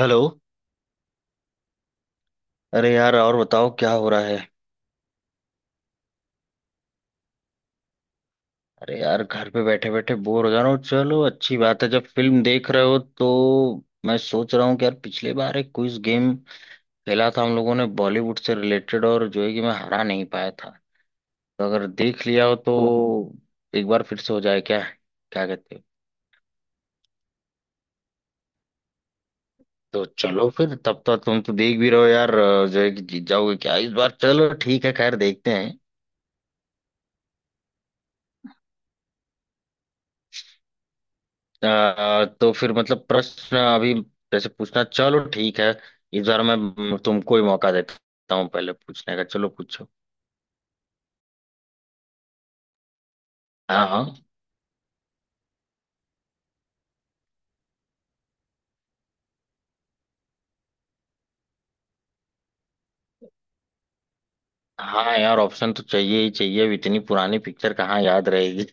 Hello. अरे यार, और बताओ क्या हो रहा है। अरे यार, घर पे बैठे बैठे बोर हो जा रहा हूँ। चलो अच्छी बात है जब फिल्म देख रहे हो तो। मैं सोच रहा हूँ कि यार पिछले बार एक क्विज गेम खेला था हम लोगों ने, बॉलीवुड से रिलेटेड, और जो है कि मैं हरा नहीं पाया था। तो अगर देख लिया हो तो एक बार फिर से हो जाए क्या। क्या कहते हो। तो चलो फिर, तब तक तुम तो देख भी रहो यार। जो है कि जीत जाओगे क्या इस बार। चलो ठीक है, खैर देखते हैं। तो फिर मतलब प्रश्न अभी जैसे पूछना, चलो ठीक है। इस बार मैं, तुमको ही मौका देता हूँ पहले पूछने का। चलो पूछो। हाँ हाँ। हाँ यार, ऑप्शन तो चाहिए ही चाहिए, अब इतनी पुरानी पिक्चर कहाँ याद रहेगी।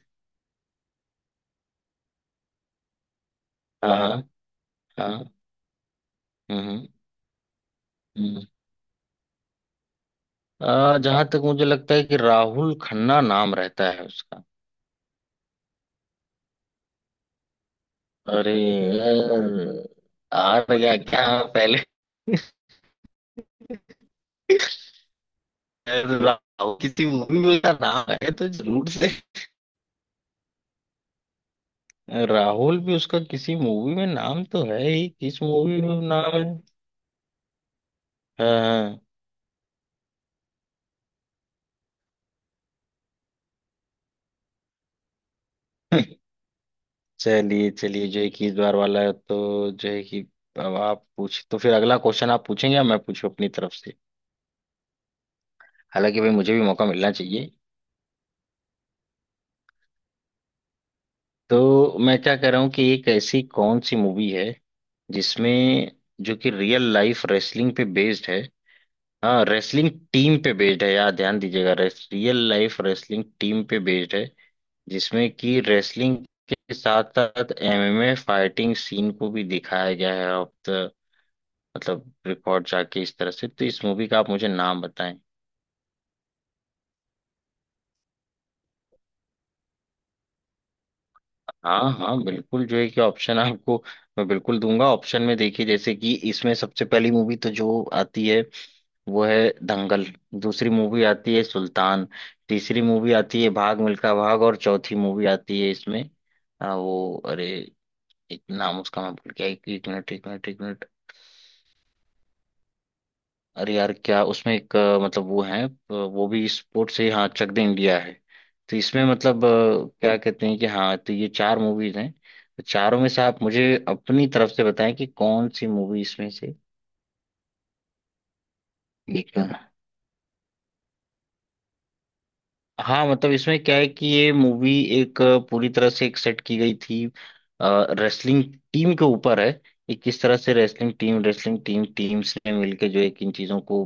हाँ हाँ। हाँ। हम्म हम्म। जहां तक मुझे लगता है कि राहुल खन्ना नाम रहता है उसका। अरे यार, आ गया क्या पहले। राहुल किसी मूवी में उसका नाम है तो जरूर से। राहुल भी उसका किसी मूवी में नाम तो है ही, किस मूवी में नाम है। हाँ। हाँ। चलिए चलिए, जो है कि इस बार वाला है, तो जो है कि अब आप पूछ, तो फिर अगला क्वेश्चन आप पूछेंगे या मैं पूछूं अपनी तरफ से। हालांकि भाई, मुझे भी मौका मिलना चाहिए। तो मैं क्या कह रहा हूँ कि एक ऐसी कौन सी मूवी है जिसमें जो कि रियल लाइफ रेसलिंग पे बेस्ड है। हाँ रेसलिंग टीम पे बेस्ड है यार, ध्यान दीजिएगा। रियल लाइफ रेसलिंग टीम पे बेस्ड है जिसमें कि रेसलिंग के साथ साथ एमएमए फाइटिंग सीन को भी दिखाया गया है ऑफ द, मतलब रिकॉर्ड, जाके इस तरह से। तो इस मूवी का आप मुझे नाम बताएं। हाँ हाँ बिल्कुल, जो है कि ऑप्शन आपको मैं बिल्कुल दूंगा। ऑप्शन में देखिए, जैसे कि इसमें सबसे पहली मूवी तो जो आती है वो है दंगल। दूसरी मूवी आती है सुल्तान। तीसरी मूवी आती है भाग मिल्खा भाग। और चौथी मूवी आती है इसमें वो, अरे, एक नाम उसका मैं भूल गया। एक एक मिनट एक मिनट। अरे यार, क्या उसमें एक मतलब वो है वो भी स्पोर्ट से ही, हाँ चक दे इंडिया है। तो इसमें मतलब क्या कहते हैं कि हाँ, तो ये चार मूवीज हैं। तो चारों में से आप मुझे अपनी तरफ से बताएं कि कौन सी मूवी इसमें से एक है। हाँ मतलब इसमें क्या है कि ये मूवी एक पूरी तरह से एक सेट की गई थी रेसलिंग टीम के ऊपर है, कि किस तरह से रेसलिंग टीम, टीम्स ने मिलके जो है कि इन चीजों को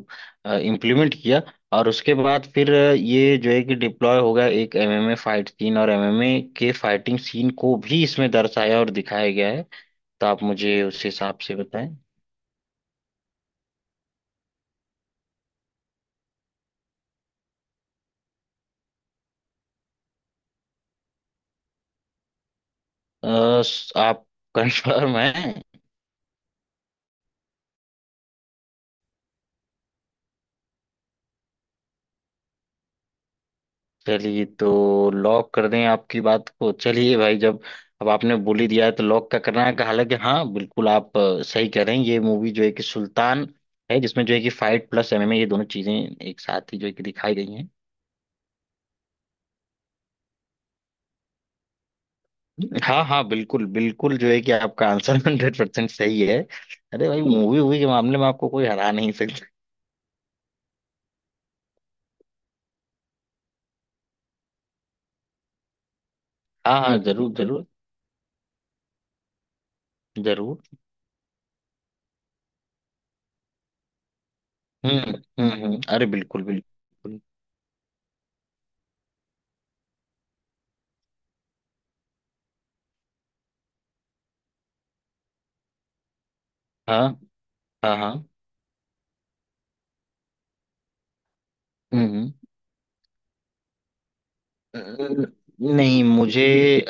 इम्प्लीमेंट किया। और उसके बाद फिर ये जो है कि डिप्लॉय हो गया एक एमएमए फाइट सीन, और एमएमए के फाइटिंग सीन को भी इसमें दर्शाया और दिखाया गया है। तो आप मुझे उस हिसाब से बताएं। अ, आप कंफर्म है। चलिए तो लॉक कर दें आपकी बात को। चलिए भाई, जब अब आपने बोली दिया है तो लॉक का करना है। हालांकि हाँ बिल्कुल, आप सही कह रहे हैं, ये मूवी जो है कि सुल्तान है, जिसमें जो है कि फाइट प्लस एमएमए ये दोनों चीजें एक साथ ही जो है कि दिखाई गई हैं। हाँ हाँ बिल्कुल बिल्कुल, जो है कि आपका आंसर 100% सही है। अरे भाई, मूवी वूवी के मामले में आपको कोई हरा नहीं सकता। हाँ हाँ, जरूर जरूर जरूर। हम्म हम्म। अरे बिल्कुल बिल्कुल। हाँ हाँ हाँ। हम्म। न- नहीं मुझे,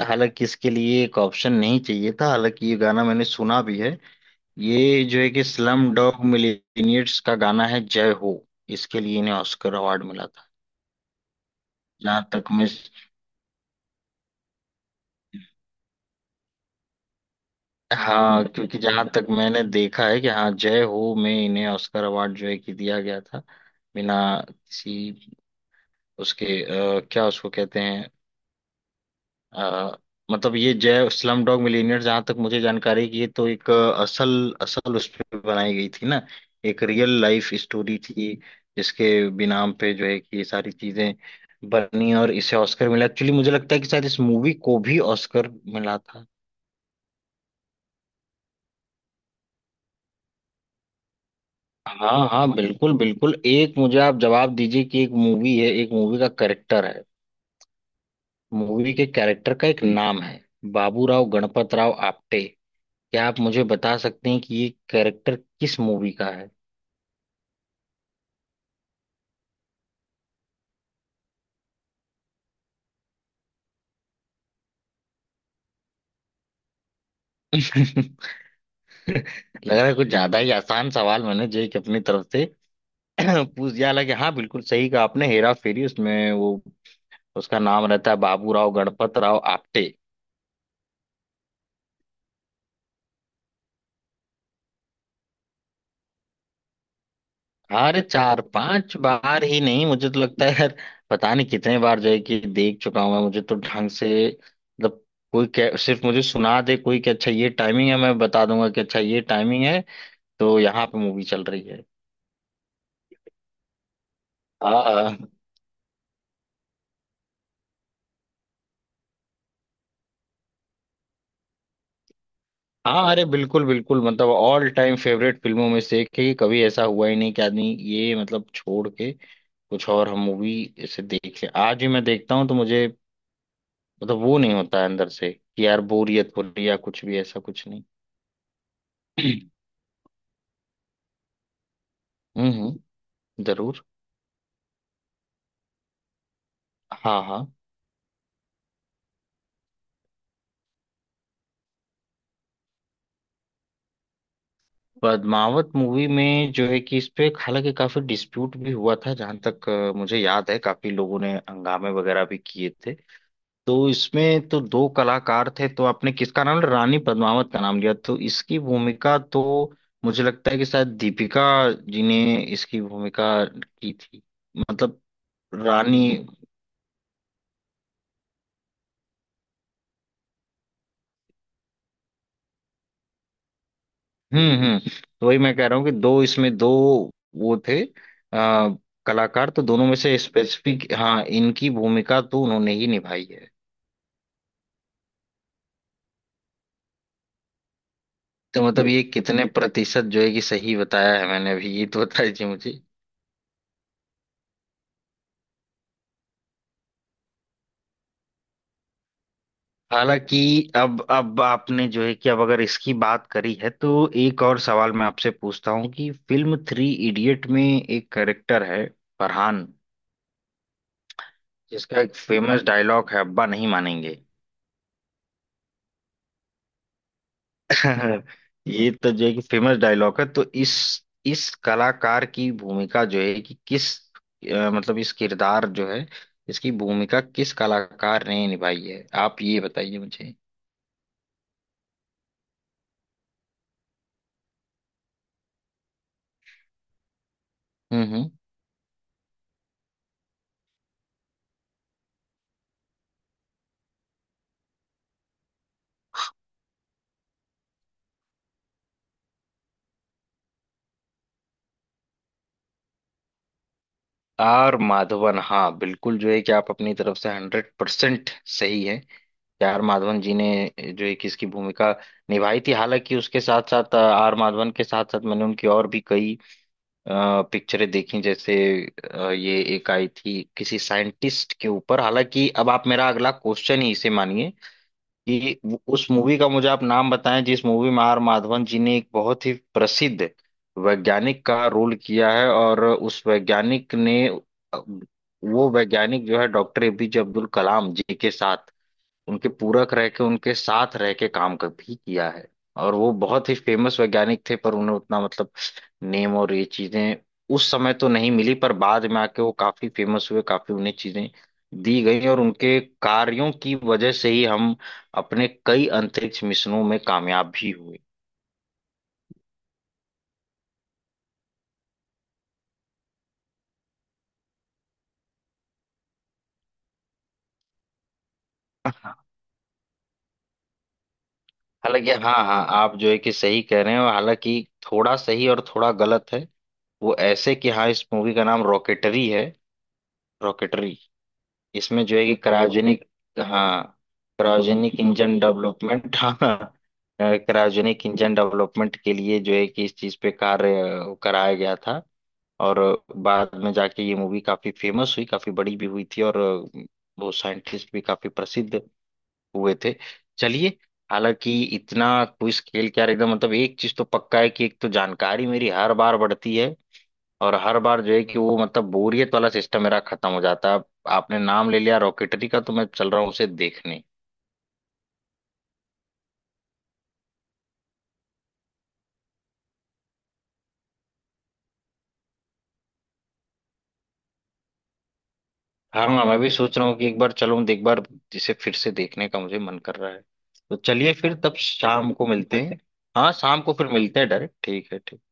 हालांकि इसके लिए एक ऑप्शन नहीं चाहिए था, हालांकि ये गाना मैंने सुना भी है, ये जो है कि स्लम डॉग मिलियनेयर्स का गाना है जय हो, इसके लिए इन्हें ऑस्कर अवार्ड मिला था। जहां तक मैं, हाँ क्योंकि जहां तक मैंने देखा है कि हाँ जय हो में इन्हें ऑस्कर अवार्ड जो है कि दिया गया था, बिना किसी उसके, क्या उसको कहते हैं, अ, मतलब ये जय स्लम डॉग मिलियनेयर, जहां तक मुझे जानकारी है कि ये तो एक असल असल उस पे बनाई गई थी ना, एक रियल लाइफ स्टोरी थी जिसके बिनाम पे जो है कि ये सारी चीजें बनी और इसे ऑस्कर मिला। एक्चुअली मुझे लगता है कि शायद इस मूवी को भी ऑस्कर मिला था। हाँ हाँ बिल्कुल बिल्कुल, एक मुझे आप जवाब दीजिए कि एक मूवी है, एक मूवी का कैरेक्टर है, मूवी के कैरेक्टर का एक नाम है बाबूराव गणपत राव आपटे। क्या आप मुझे बता सकते हैं कि ये कैरेक्टर किस मूवी का है। लग रहा है कुछ ज्यादा ही आसान सवाल मैंने जय की अपनी तरफ से पूछ दिया। हालांकि हाँ बिल्कुल सही कहा आपने, हेरा फेरी, उसमें वो, उसका नाम रहता है बाबू राव गणपत राव आपटे। अरे चार पांच बार ही नहीं, मुझे तो लगता है यार, पता नहीं कितने बार जय की देख चुका हूं मैं। मुझे तो ढंग से मतलब कोई सिर्फ मुझे सुना दे कोई कि अच्छा ये टाइमिंग है, मैं बता दूंगा कि अच्छा ये टाइमिंग है तो यहाँ पे मूवी चल रही है। हाँ हाँ, अरे बिल्कुल बिल्कुल, मतलब ऑल टाइम फेवरेट फिल्मों में से एक है, कि कभी ऐसा हुआ ही नहीं कि आदमी ये मतलब छोड़ के कुछ और हम मूवी ऐसे देख ले। आज भी मैं देखता हूँ तो मुझे मतलब वो नहीं होता है अंदर से कि यार बोरियत हो रही है या कुछ भी, ऐसा कुछ नहीं। हम्म। जरूर। हाँ हाँ। पद्मावत मूवी में जो है कि इस पे हालांकि काफी डिस्प्यूट भी हुआ था, जहां तक मुझे याद है काफी लोगों ने हंगामे वगैरह भी किए थे। तो इसमें तो दो कलाकार थे, तो आपने किसका नाम लिया? रानी पद्मावत का नाम लिया, तो इसकी भूमिका तो मुझे लगता है कि शायद दीपिका जी ने इसकी भूमिका की थी। मतलब रानी। हम्म, तो वही मैं कह रहा हूँ कि दो इसमें दो वो थे आ, कलाकार, तो दोनों में से स्पेसिफिक, हाँ इनकी भूमिका तो उन्होंने ही निभाई है। तो मतलब ये कितने प्रतिशत जो है कि सही बताया है मैंने अभी ये तो बताइए मुझे। हालांकि अब आपने जो है कि अब अगर इसकी बात करी है तो एक और सवाल मैं आपसे पूछता हूँ कि फिल्म 3 इडियट में एक कैरेक्टर है फरहान, जिसका एक फेमस डायलॉग है अब्बा नहीं मानेंगे। ये तो जो है कि फेमस डायलॉग है। तो इस कलाकार की भूमिका जो है कि किस मतलब इस किरदार जो है, इसकी भूमिका किस कलाकार ने निभाई है आप ये बताइए मुझे। हम्म। आर माधवन, हाँ बिल्कुल, जो है कि आप अपनी तरफ से 100% सही है, कि आर माधवन जी ने जो है कि इसकी भूमिका निभाई थी। हालांकि उसके साथ साथ आर माधवन के साथ साथ मैंने उनकी और भी कई पिक्चरें देखी। जैसे ये एक आई थी किसी साइंटिस्ट के ऊपर, हालांकि अब आप मेरा अगला क्वेश्चन ही इसे मानिए कि उस मूवी का मुझे आप नाम बताएं जिस मूवी में आर माधवन जी ने एक बहुत ही प्रसिद्ध वैज्ञानिक का रोल किया है, और उस वैज्ञानिक ने, वो वैज्ञानिक जो है डॉक्टर एपीजे अब्दुल कलाम जी के साथ उनके पूरक रह के, उनके साथ रह के काम कर भी किया है। और वो बहुत ही फेमस वैज्ञानिक थे, पर उन्हें उतना मतलब नेम और ये चीजें उस समय तो नहीं मिली, पर बाद में आके वो काफी फेमस हुए, काफी उन्हें चीजें दी गई, और उनके कार्यों की वजह से ही हम अपने कई अंतरिक्ष मिशनों में कामयाब भी हुए। हालांकि हाँ हाँ, आप जो है कि सही कह रहे हो, हालांकि थोड़ा सही और थोड़ा गलत है। वो ऐसे कि हाँ, इस मूवी का नाम रॉकेटरी है। रॉकेटरी। इसमें जो है कि क्रायोजेनिक। हाँ क्रायोजेनिक इंजन डेवलपमेंट। हाँ, क्रायोजेनिक इंजन डेवलपमेंट के लिए जो है कि इस चीज पे कार्य कराया गया था। और बाद में जाके ये मूवी काफी फेमस हुई, काफी बड़ी भी हुई थी, और वो साइंटिस्ट भी काफी प्रसिद्ध हुए थे। चलिए। हालांकि इतना क्विज खेल के यार एकदम मतलब एक चीज तो पक्का है कि एक तो जानकारी मेरी हर बार बढ़ती है, और हर बार जो है कि वो मतलब बोरियत वाला सिस्टम मेरा खत्म हो जाता है। आपने नाम ले लिया रॉकेटरी का, तो मैं चल रहा हूँ उसे देखने। हाँ हाँ मैं भी सोच रहा हूँ कि एक बार चलूँ एक बार, जिसे फिर से देखने का मुझे मन कर रहा है। तो चलिए फिर, तब शाम को मिलते हैं। हाँ शाम को फिर मिलते हैं डायरेक्ट, ठीक है ठीक।